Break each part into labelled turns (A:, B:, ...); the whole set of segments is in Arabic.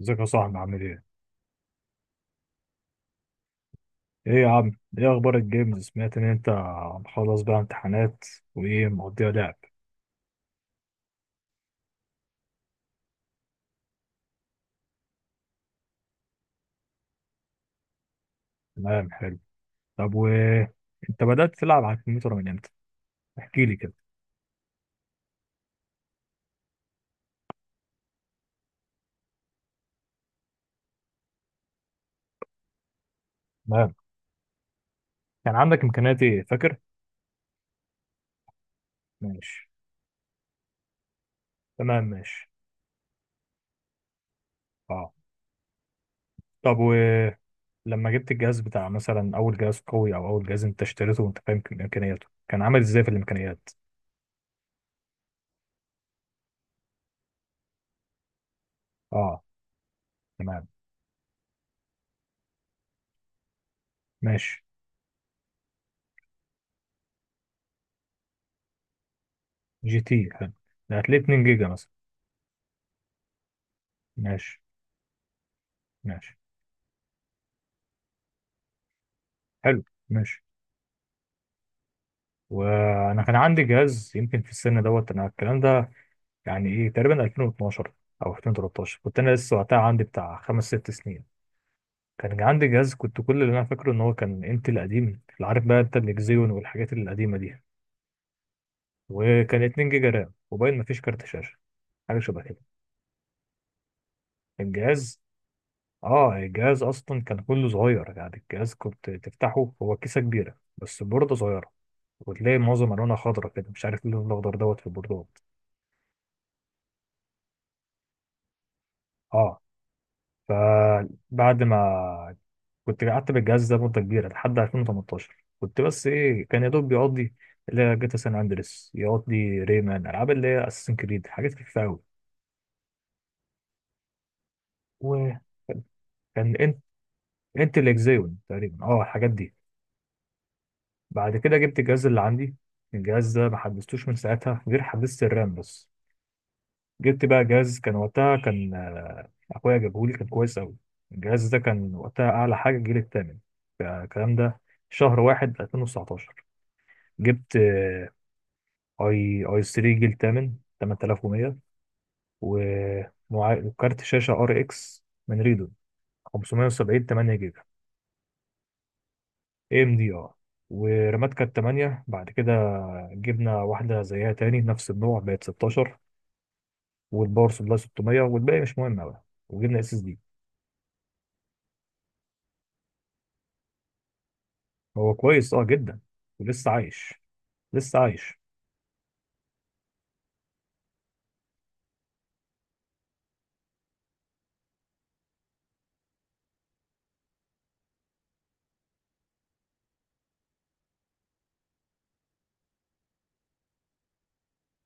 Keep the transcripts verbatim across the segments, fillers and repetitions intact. A: ازيك يا صاحبي عامل ايه؟ ايه يا عم؟ ايه اخبار الجيمز؟ سمعت ان انت مخلص بقى امتحانات وايه مقضيها لعب. تمام، حلو. طب و انت بدأت تلعب على الكمبيوتر من امتى؟ احكي لي كده. تمام، كان عندك امكانيات ايه فاكر؟ ماشي، تمام، ماشي، اه. طب و لما جبت الجهاز بتاع مثلا اول جهاز قوي او اول جهاز انت اشتريته وانت فاهم كم- امكانياته كان عامل ازاي في الامكانيات؟ اه، تمام، ماشي. جي تي حلو. ده هتلاقي اتنين جيجا مثلا. ماشي، ماشي، حلو، ماشي. وانا كان عندي جهاز يمكن في السن دوت انا الكلام ده، يعني ايه تقريبا ألفين واتناشر او ألفين وثلاثة عشر. كنت انا لسه وقتها عندي بتاع خمس ست سنين. كان عندي جهاز، كنت كل اللي انا فاكره ان هو كان انتل قديم، اللي عارف بقى انت الاكزيون والحاجات القديمه دي. وكان اتنين جيجا رام وباين مفيش كارت شاشه، حاجه شبه كده. الجهاز، اه الجهاز اصلا كان كله صغير، يعني الجهاز كنت تفتحه هو كيسه كبيره بس البورده صغيره. وتلاقي معظم الوانها خضرا كده، مش عارف اللون الاخضر دوت في البوردات. اه. فبعد ما كنت قعدت بالجهاز ده مدة كبيرة لحد ألفين وتمنتاشر، كنت بس إيه كان يا دوب بيقضي اللي هي جاتا سان أندريس، يقضي ريمان ألعاب اللي هي أساسن كريد، حاجات خفيفة أوي. وكان إنت إنت الإكزيون تقريبا، أه الحاجات دي. بعد كده جبت الجهاز اللي عندي. الجهاز ده ما حدثتوش من ساعتها غير حدثت الرام بس. جبت بقى جهاز كان وقتها، كان آه، أخويا جابهولي كان كويس أوي. الجهاز ده كان وقتها أعلى حاجة الجيل التامن، الكلام ده شهر واحد ألفين وتسعة عشر. جبت اي اي تلاتة جيل تامن ثمانية آلاف ومية، و- ومع- وكارت شاشه ار اكس من ريدون خمسمية وسبعين ثمانية جيجا. اي ام دي ار. ورامات كانت تمنية، بعد كده جبنا واحده زيها تاني نفس النوع بقت ستاشر. والباور سبلاي ستمية، والباقي مش مهم قوي. وجبنا اس اس دي. هو كويس اه جدا. ولسه عايش، لسه عايش.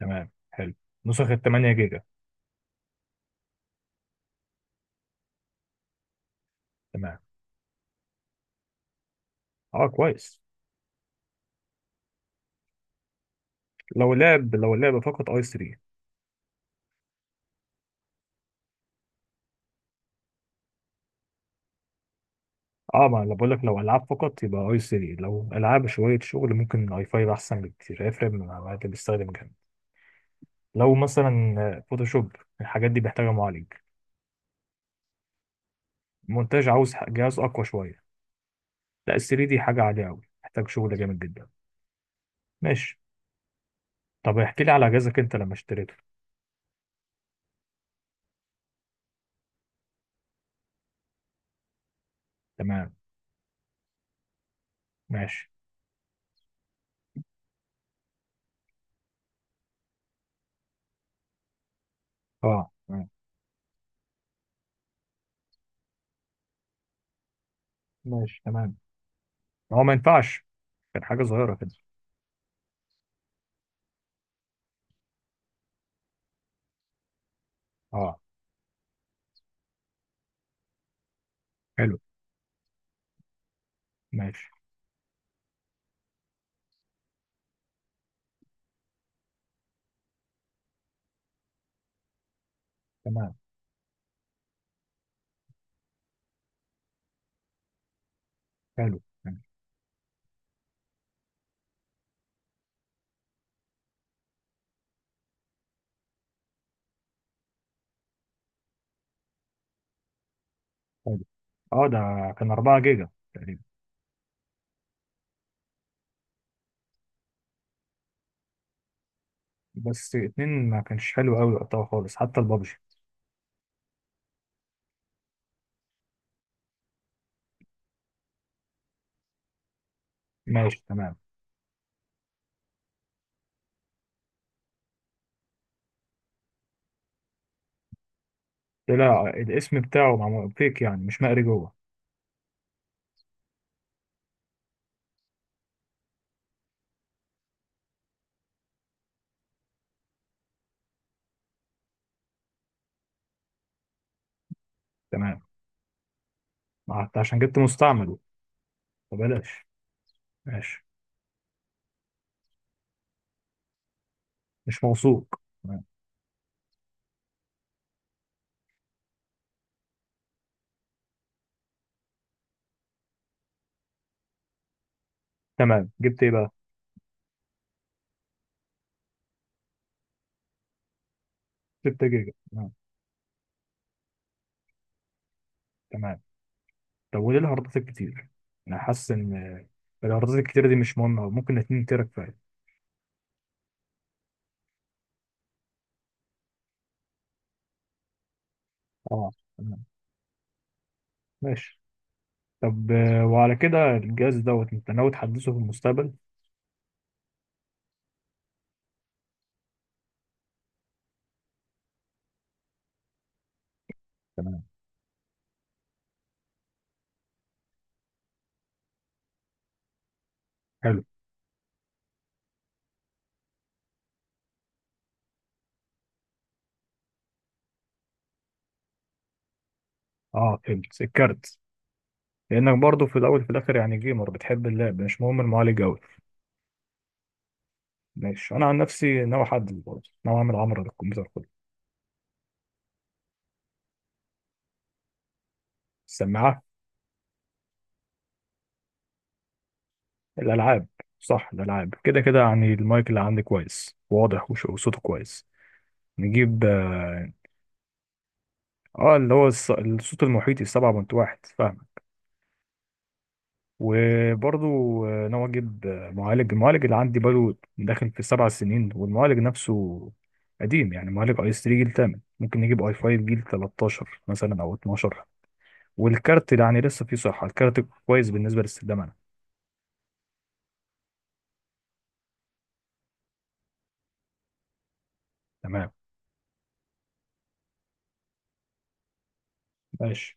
A: تمام، حلو. نسخ ال تمنية جيجا. تمام، اه كويس. لو لعب، لو لعب فقط اي تلاتة. اه، ما انا بقول لك لو العاب فقط يبقى اي تلاتة، لو العاب شويه شغل ممكن اي خمسة احسن بكتير، هيفرق مع مع اللي بيستخدم جامد. لو مثلا فوتوشوب، الحاجات دي محتاجه معالج. مونتاج عاوز ح- جهاز اقوى شويه. لا ال ثري دي حاجه عاليه قوي، محتاج شغل جامد جدا. ماشي. طب احكي لي على جهازك انت لما اشتريته. تمام، ماشي، اه تمام. ماشي، تمام، هو ما ينفعش. كان حاجه صغيره كده. اه. حلو، ماشي، تمام. حلو، حلو، حلو. اه، ده كان اربعة جيجا تقريبا. بس اتنين ما كانش حلو قوي وقتها خالص، حتى البابجي. ماشي، تمام. طلع الاسم بتاعه مع فيك يعني مش مقري جوه. تمام، ما حتى عشان جبت مستعمل. فبلاش. ماشي، مش موثوق، تمام. تمام، جبت ايه بقى. ستة جيجا، تمام. تمام، طب وليه الهاردات الكتير؟ انا حاسس ان الهاردات الكتير دي مش مهمه، ممكن اتنين تيرا كفايه. اه، تمام، ماشي. طب آه، وعلى كده الجهاز دوت انت ناوي تحدثه في المستقبل. تمام، حلو. اه فهمت الكارت. لانك برضه في الاول وفي الاخر يعني جيمر بتحب اللعب، مش مهم المعالج قوي. ماشي، انا عن نفسي ناوي احدد، برضه ناوي اعمل عمره للكمبيوتر كله. السماعه. الالعاب. صح، الالعاب كده كده يعني المايك اللي عندي كويس واضح وش- وصوته كويس. نجيب اه. آه، اللي هو الص- الصوت المحيطي سبعة نقطة واحد فاهم. وبرضه آه، ناوي اجيب آه، معالج. المعالج اللي عندي بقاله داخل في سبع سنين، والمعالج نفسه قديم، يعني معالج اي ثلاثة جيل ثمانية، ممكن نجيب اي خمسة جيل تلتاشر مثلا او اتناشر. والكارت يعني لسه فيه صحة، الكارت كويس بالنسبة لاستخدام أنا. تمام، ماشي،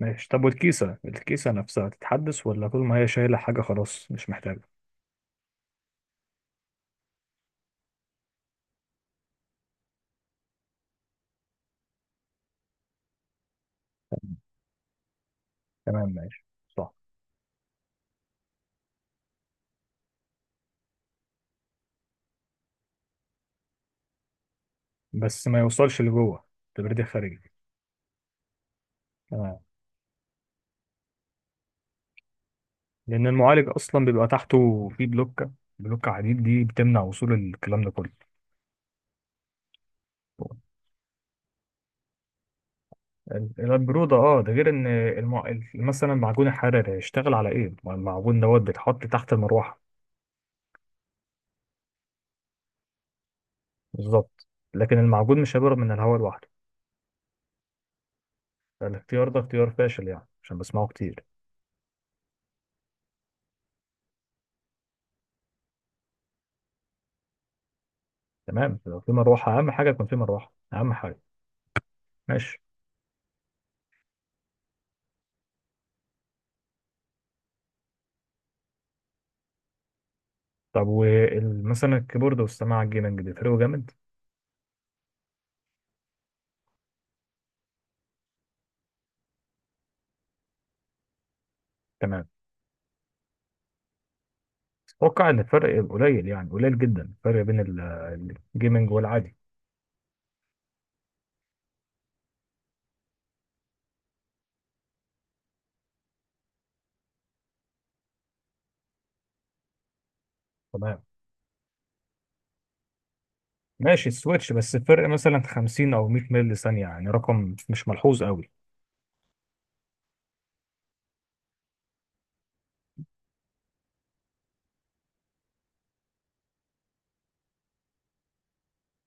A: ماشي. طب والكيسة، الكيسة نفسها تتحدث ولا طول ما هي شايلة حاجة خلاص مش محتاجة. تمام، ماشي، صح. بس ما يوصلش لجوه، تبريد خارجي. تمام، لأن المعالج أصلا بيبقى تحته فيه بلوكة، بلوكة حديد دي بتمنع وصول الكلام ده كله. ال- البرودة اه، ده غير ان المع... ال- مثلا المعجون الحراري هيشتغل على ايه؟ ما المعجون دوت بيتحط تحت المروحة. بالظبط. لكن المعجون مش هيبرد من الهواء لوحده. الاختيار ده اختيار فاشل يعني، عشان بسمعه كتير. تمام، لو في مروحة أهم حاجة، يكون في مروحة أهم حاجة. ماشي. طب ومثلا الكيبورد والسماعة الجيمنج بيفرقوا جامد. تمام، أتوقع إن الفرق قليل، يعني قليل جدا الفرق بين ال- الجيمنج والعادي. تمام، ماشي. السويتش بس الفرق مثلا خمسين أو ميه مللي ثانية، يعني رقم مش ملحوظ قوي.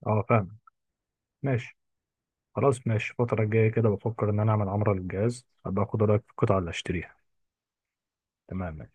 A: أه فاهم، ماشي. خلاص ماشي، الفترة الجاية كده بفكر إن أنا أعمل عمرة للجهاز، أبقى أخد رأيك في القطعة اللي أشتريها. تمام.